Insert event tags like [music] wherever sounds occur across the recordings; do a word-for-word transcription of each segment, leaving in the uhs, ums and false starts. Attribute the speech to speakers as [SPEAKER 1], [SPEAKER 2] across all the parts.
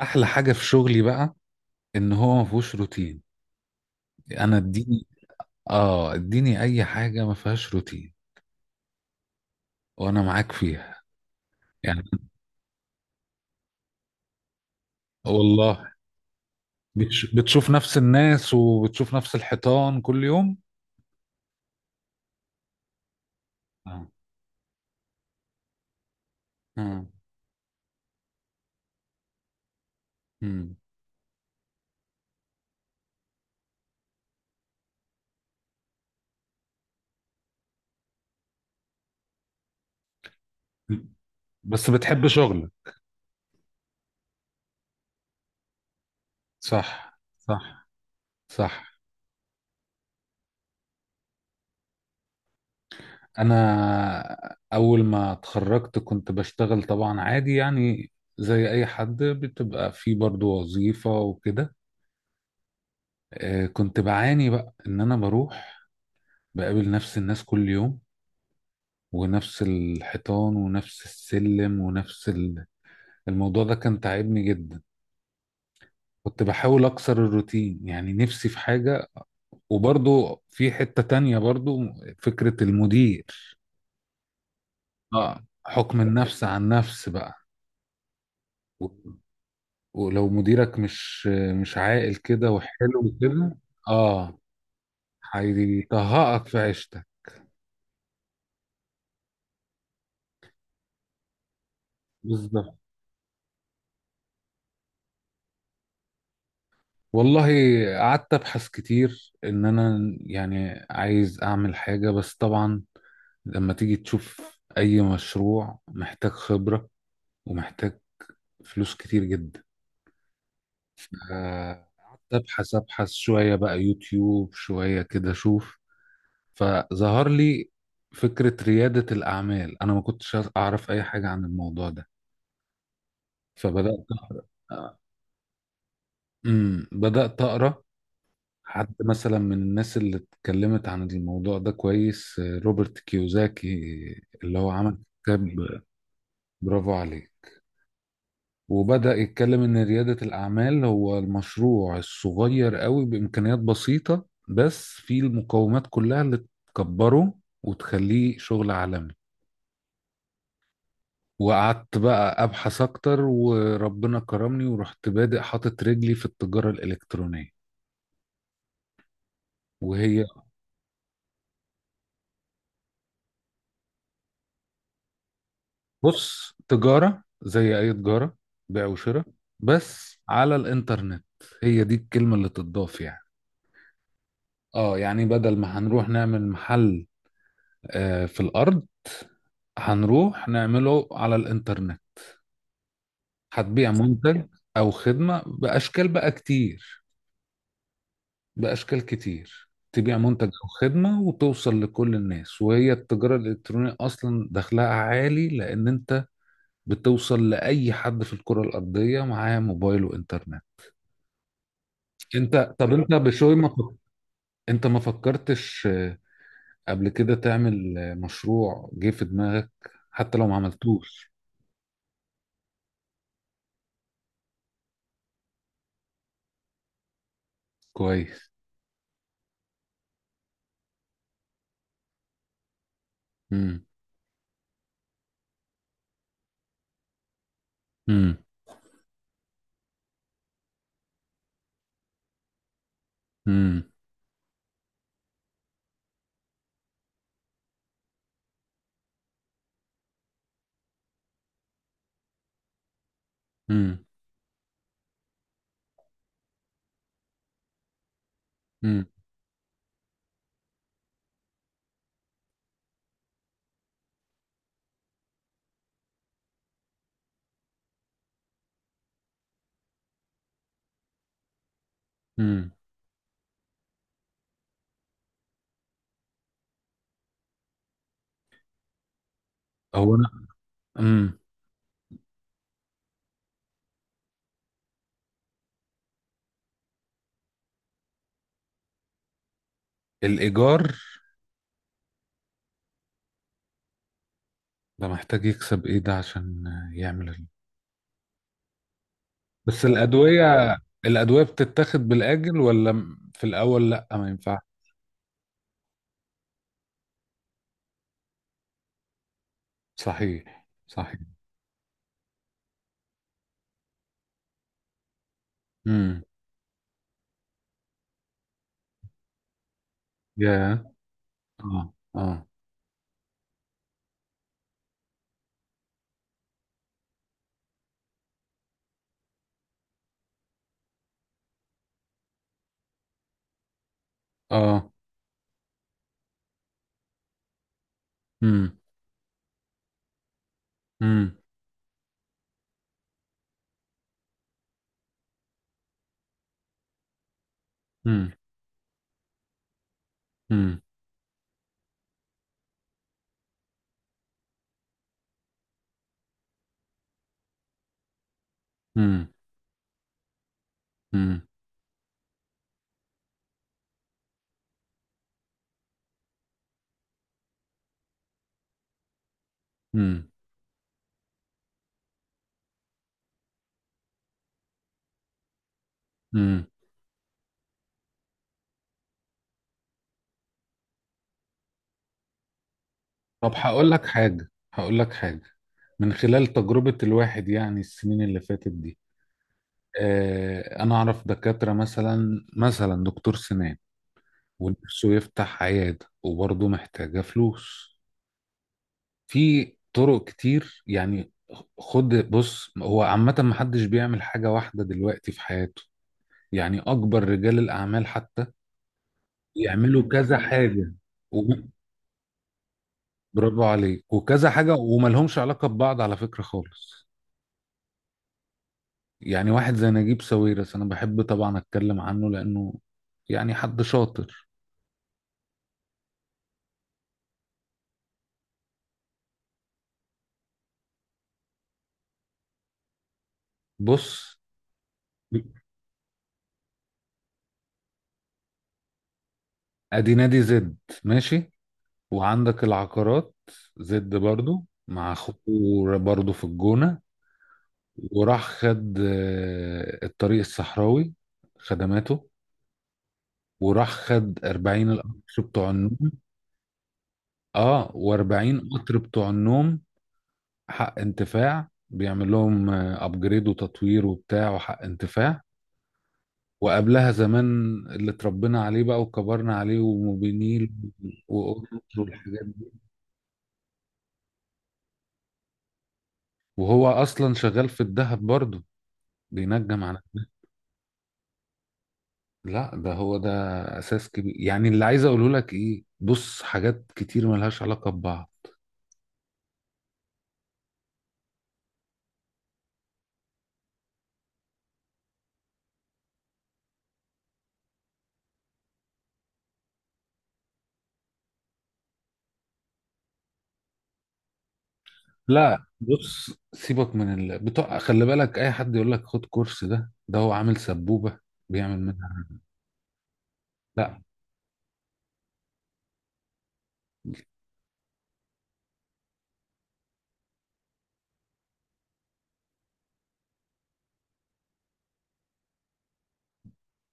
[SPEAKER 1] احلى حاجه في شغلي بقى ان هو ما فيهوش روتين. انا اديني، اه اديني اي حاجه ما فيهاش روتين وانا معاك فيها يعني. والله بتش... بتشوف نفس الناس وبتشوف نفس الحيطان كل يوم. آه. آه. مم. بس بتحب شغلك. صح، صح، صح. انا اول ما اتخرجت كنت بشتغل طبعا عادي يعني، زي اي حد بتبقى في برضو وظيفة وكده. آه، كنت بعاني بقى ان انا بروح بقابل نفس الناس كل يوم، ونفس الحيطان ونفس السلم ونفس ال... الموضوع ده كان تعبني جدا. كنت بحاول اكسر الروتين يعني، نفسي في حاجة. وبرضو في حتة تانية برضو فكرة المدير. اه، حكم النفس عن نفس بقى. و- ولو مديرك مش مش عاقل كده وحلو كده، اه، هيطهقك في عيشتك. بالظبط. والله، قعدت ابحث كتير ان انا يعني عايز اعمل حاجة. بس طبعا لما تيجي تشوف، اي مشروع محتاج خبرة ومحتاج فلوس كتير جدا. آه، قعدت ابحث ابحث شوية بقى، يوتيوب شوية كده اشوف، فظهر لي فكرة ريادة الاعمال. انا ما كنتش اعرف اي حاجة عن الموضوع ده، فبدأت اقرا. آه، أمم، بدأت اقرا حد مثلا من الناس اللي اتكلمت عن الموضوع ده كويس، آه، روبرت كيوزاكي، اللي هو عمل كتاب، برافو عليه. وبدأ يتكلم إن ريادة الأعمال هو المشروع الصغير قوي بإمكانيات بسيطة، بس فيه المقومات كلها اللي تكبره وتخليه شغل عالمي. وقعدت بقى أبحث أكتر، وربنا كرمني ورحت بادئ حاطط رجلي في التجارة الإلكترونية. وهي بص، تجارة زي أي تجارة، بيع وشراء بس على الإنترنت، هي دي الكلمة اللي تضاف يعني. اه يعني بدل ما هنروح نعمل محل، آه، في الأرض، هنروح نعمله على الإنترنت. هتبيع منتج أو خدمة بأشكال بقى كتير، بأشكال كتير تبيع منتج أو خدمة وتوصل لكل الناس، وهي التجارة الإلكترونية أصلا دخلها عالي لأن أنت بتوصل لأي حد في الكرة الأرضية معاه موبايل وإنترنت. انت، طب انت بشوي ما فك... انت ما فكرتش، آه، قبل كده تعمل، آه، مشروع جه في دماغك حتى لو ما عملتوش؟ كويس. امم. امم. امم. امم. امم. امم. هو انا، امم. الايجار ده محتاج يكسب ايه ده عشان آه، يعمل ال... بس الادويه، الادويه بتتاخد بالاجل ولا م- في الاول لا ما ينفعش. صحيح، صحيح. امم. يا. اه اه. اه. امم. امم. امم. امم. امم. امم. امم. طب هقول لك حاجة، هقول لك حاجة من خلال تجربة الواحد يعني السنين اللي فاتت دي. آه، أنا أعرف دكاترة مثلا، مثلا دكتور سنان، ونفسه يفتح عيادة وبرضه محتاجة فلوس. في طرق كتير يعني. خد بص، هو عامة محدش بيعمل حاجة واحدة دلوقتي في حياته. يعني أكبر رجال الأعمال حتى يعملوا كذا حاجة. و- برافو عليك، وكذا حاجة وما لهمش علاقة ببعض على فكرة خالص. يعني واحد زي نجيب ساويرس، أنا بحب طبعا أتكلم عنه لأنه يعني حد شاطر. بص، أدي نادي زد، ماشي، وعندك العقارات، زد برضو مع أخوه، برضو في الجونة. وراح خد، آه، الطريق الصحراوي خدماته، وراح خد أربعين القطر بتوع النوم، اه و40 قطر بتوع النوم، حق انتفاع، بيعمل لهم ابجريد وتطوير وبتاع، وحق انتفاع. وقبلها زمان اللي اتربينا عليه بقى وكبرنا عليه، وموبينيل وقطر والحاجات دي. وهو اصلا شغال في الذهب برضه، بينجم على، لا ده هو ده اساس كبير. يعني اللي عايز اقوله لك ايه، بص، حاجات كتير ملهاش علاقة ببعض. لا بص، سيبك من ال... بتوع، خلي بالك، اي حد يقول لك خد كورس، ده ده هو عامل سبوبة بيعمل منها. لا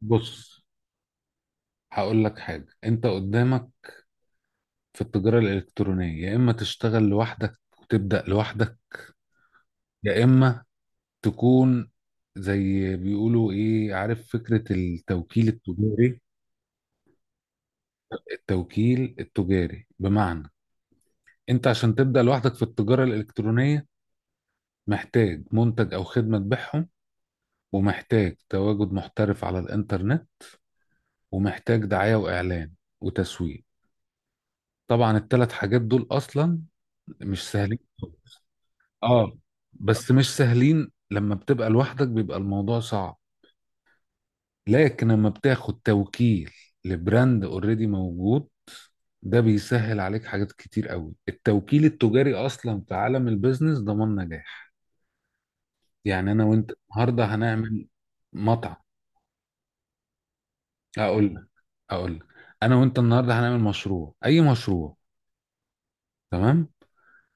[SPEAKER 1] بص، هقول لك حاجة. انت قدامك في التجارة الإلكترونية يا إما تشتغل لوحدك وتبدأ لوحدك، يا إما تكون زي بيقولوا إيه، عارف فكرة التوكيل التجاري؟ التوكيل التجاري بمعنى، انت عشان تبدأ لوحدك في التجارة الإلكترونية محتاج منتج أو خدمة تبيعهم، ومحتاج تواجد محترف على الإنترنت، ومحتاج دعاية وإعلان وتسويق. طبعا الثلاث حاجات دول أصلا مش سهلين. اه، بس مش سهلين. لما بتبقى لوحدك بيبقى الموضوع صعب. لكن لما بتاخد توكيل لبراند اوريدي موجود، ده بيسهل عليك حاجات كتير قوي. التوكيل التجاري اصلا في عالم البيزنس ضمان نجاح. يعني انا وانت النهارده هنعمل مطعم، اقول لك، اقول لك، انا وانت النهارده هنعمل مشروع، اي مشروع، تمام؟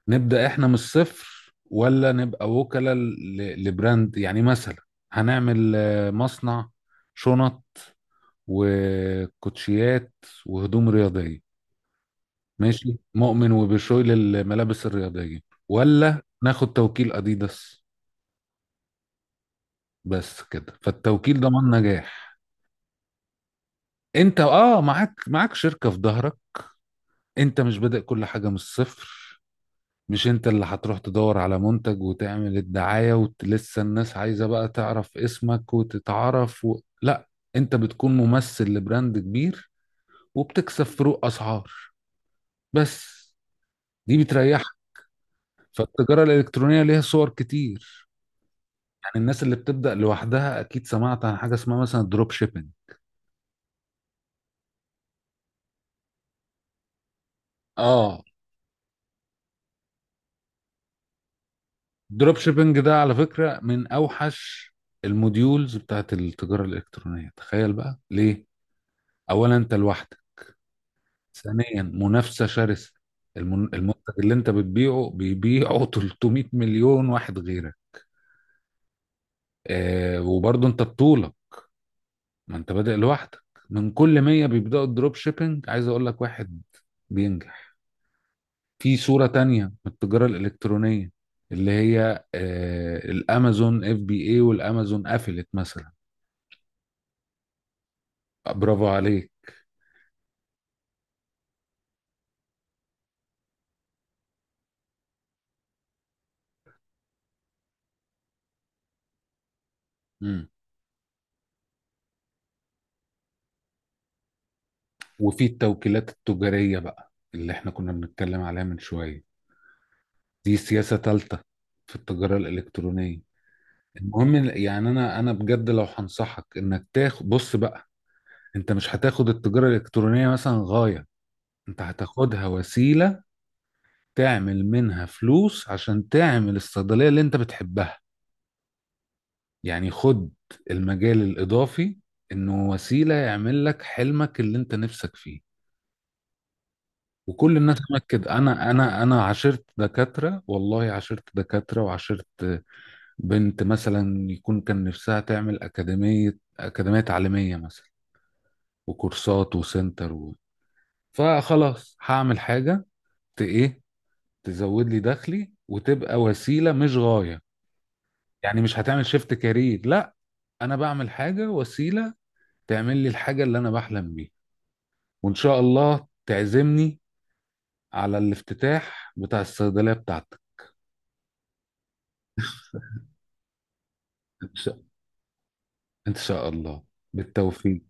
[SPEAKER 1] نبدأ احنا من الصفر، ولا نبقى وكلاء ل- لبراند؟ يعني مثلا، هنعمل، آه، مصنع شنط وكوتشيات وهدوم رياضية، ماشي مؤمن وبشوي للملابس الرياضية، ولا ناخد توكيل أديداس؟ بس كده، فالتوكيل ضمان نجاح. انت اه، معاك معاك شركة في ظهرك، انت مش بادئ كل حاجة من الصفر. مش انت اللي هتروح تدور على منتج وتعمل الدعاية ولسه الناس عايزة بقى تعرف اسمك وتتعرف و... لا، انت بتكون ممثل لبراند كبير، وبتكسب فروق اسعار بس، دي بتريحك. فالتجارة الإلكترونية ليها صور كتير. يعني الناس اللي بتبدأ لوحدها أكيد سمعت عن حاجة اسمها مثلا دروب شيبينج. آه، دروب شيبينج ده على فكرة من أوحش الموديولز بتاعت التجارة الإلكترونية. تخيل بقى ليه؟ أولا أنت لوحدك، ثانيا منافسة شرسة، المن- المنتج اللي أنت بتبيعه بيبيعه [laughs] ثلاثمية مليون واحد غيرك. آه، وبرضه أنت بطولة، ما أنت بادئ لوحدك. من كل مية بيبدأوا الدروب شيبينج عايز أقول لك واحد بينجح. في صورة تانية من التجارة الإلكترونية، اللي هي آه، الأمازون اف بي اي، والأمازون قفلت مثلا. برافو عليك. مم. وفي التوكيلات التجارية بقى اللي احنا كنا بنتكلم عليها من شوية، دي سياسة تالتة في التجارة الإلكترونية. المهم يعني، أنا أنا بجد لو هنصحك إنك تاخد، بص بقى، أنت مش هتاخد التجارة الإلكترونية مثلا غاية، أنت هتاخدها وسيلة تعمل منها فلوس عشان تعمل الصيدلية اللي أنت بتحبها. يعني خد المجال الإضافي، إنه وسيلة يعمل لك حلمك اللي أنت نفسك فيه. وكل الناس هناك كده. أنا أنا أنا عاشرت دكاترة، والله عاشرت دكاترة، وعاشرت بنت مثلا يكون كان نفسها تعمل أكاديمية، أكاديمية تعليمية مثلا، وكورسات وسنتر و... فخلاص هعمل حاجة ت إيه، تزود لي دخلي، وتبقى وسيلة مش غاية. يعني مش هتعمل شيفت كارير، لا، أنا بعمل حاجة وسيلة تعمل لي الحاجة اللي أنا بحلم بيها. وان شاء الله تعزمني على الافتتاح بتاع الصيدليه بتاعتك. ان شاء إن شاء الله، بالتوفيق.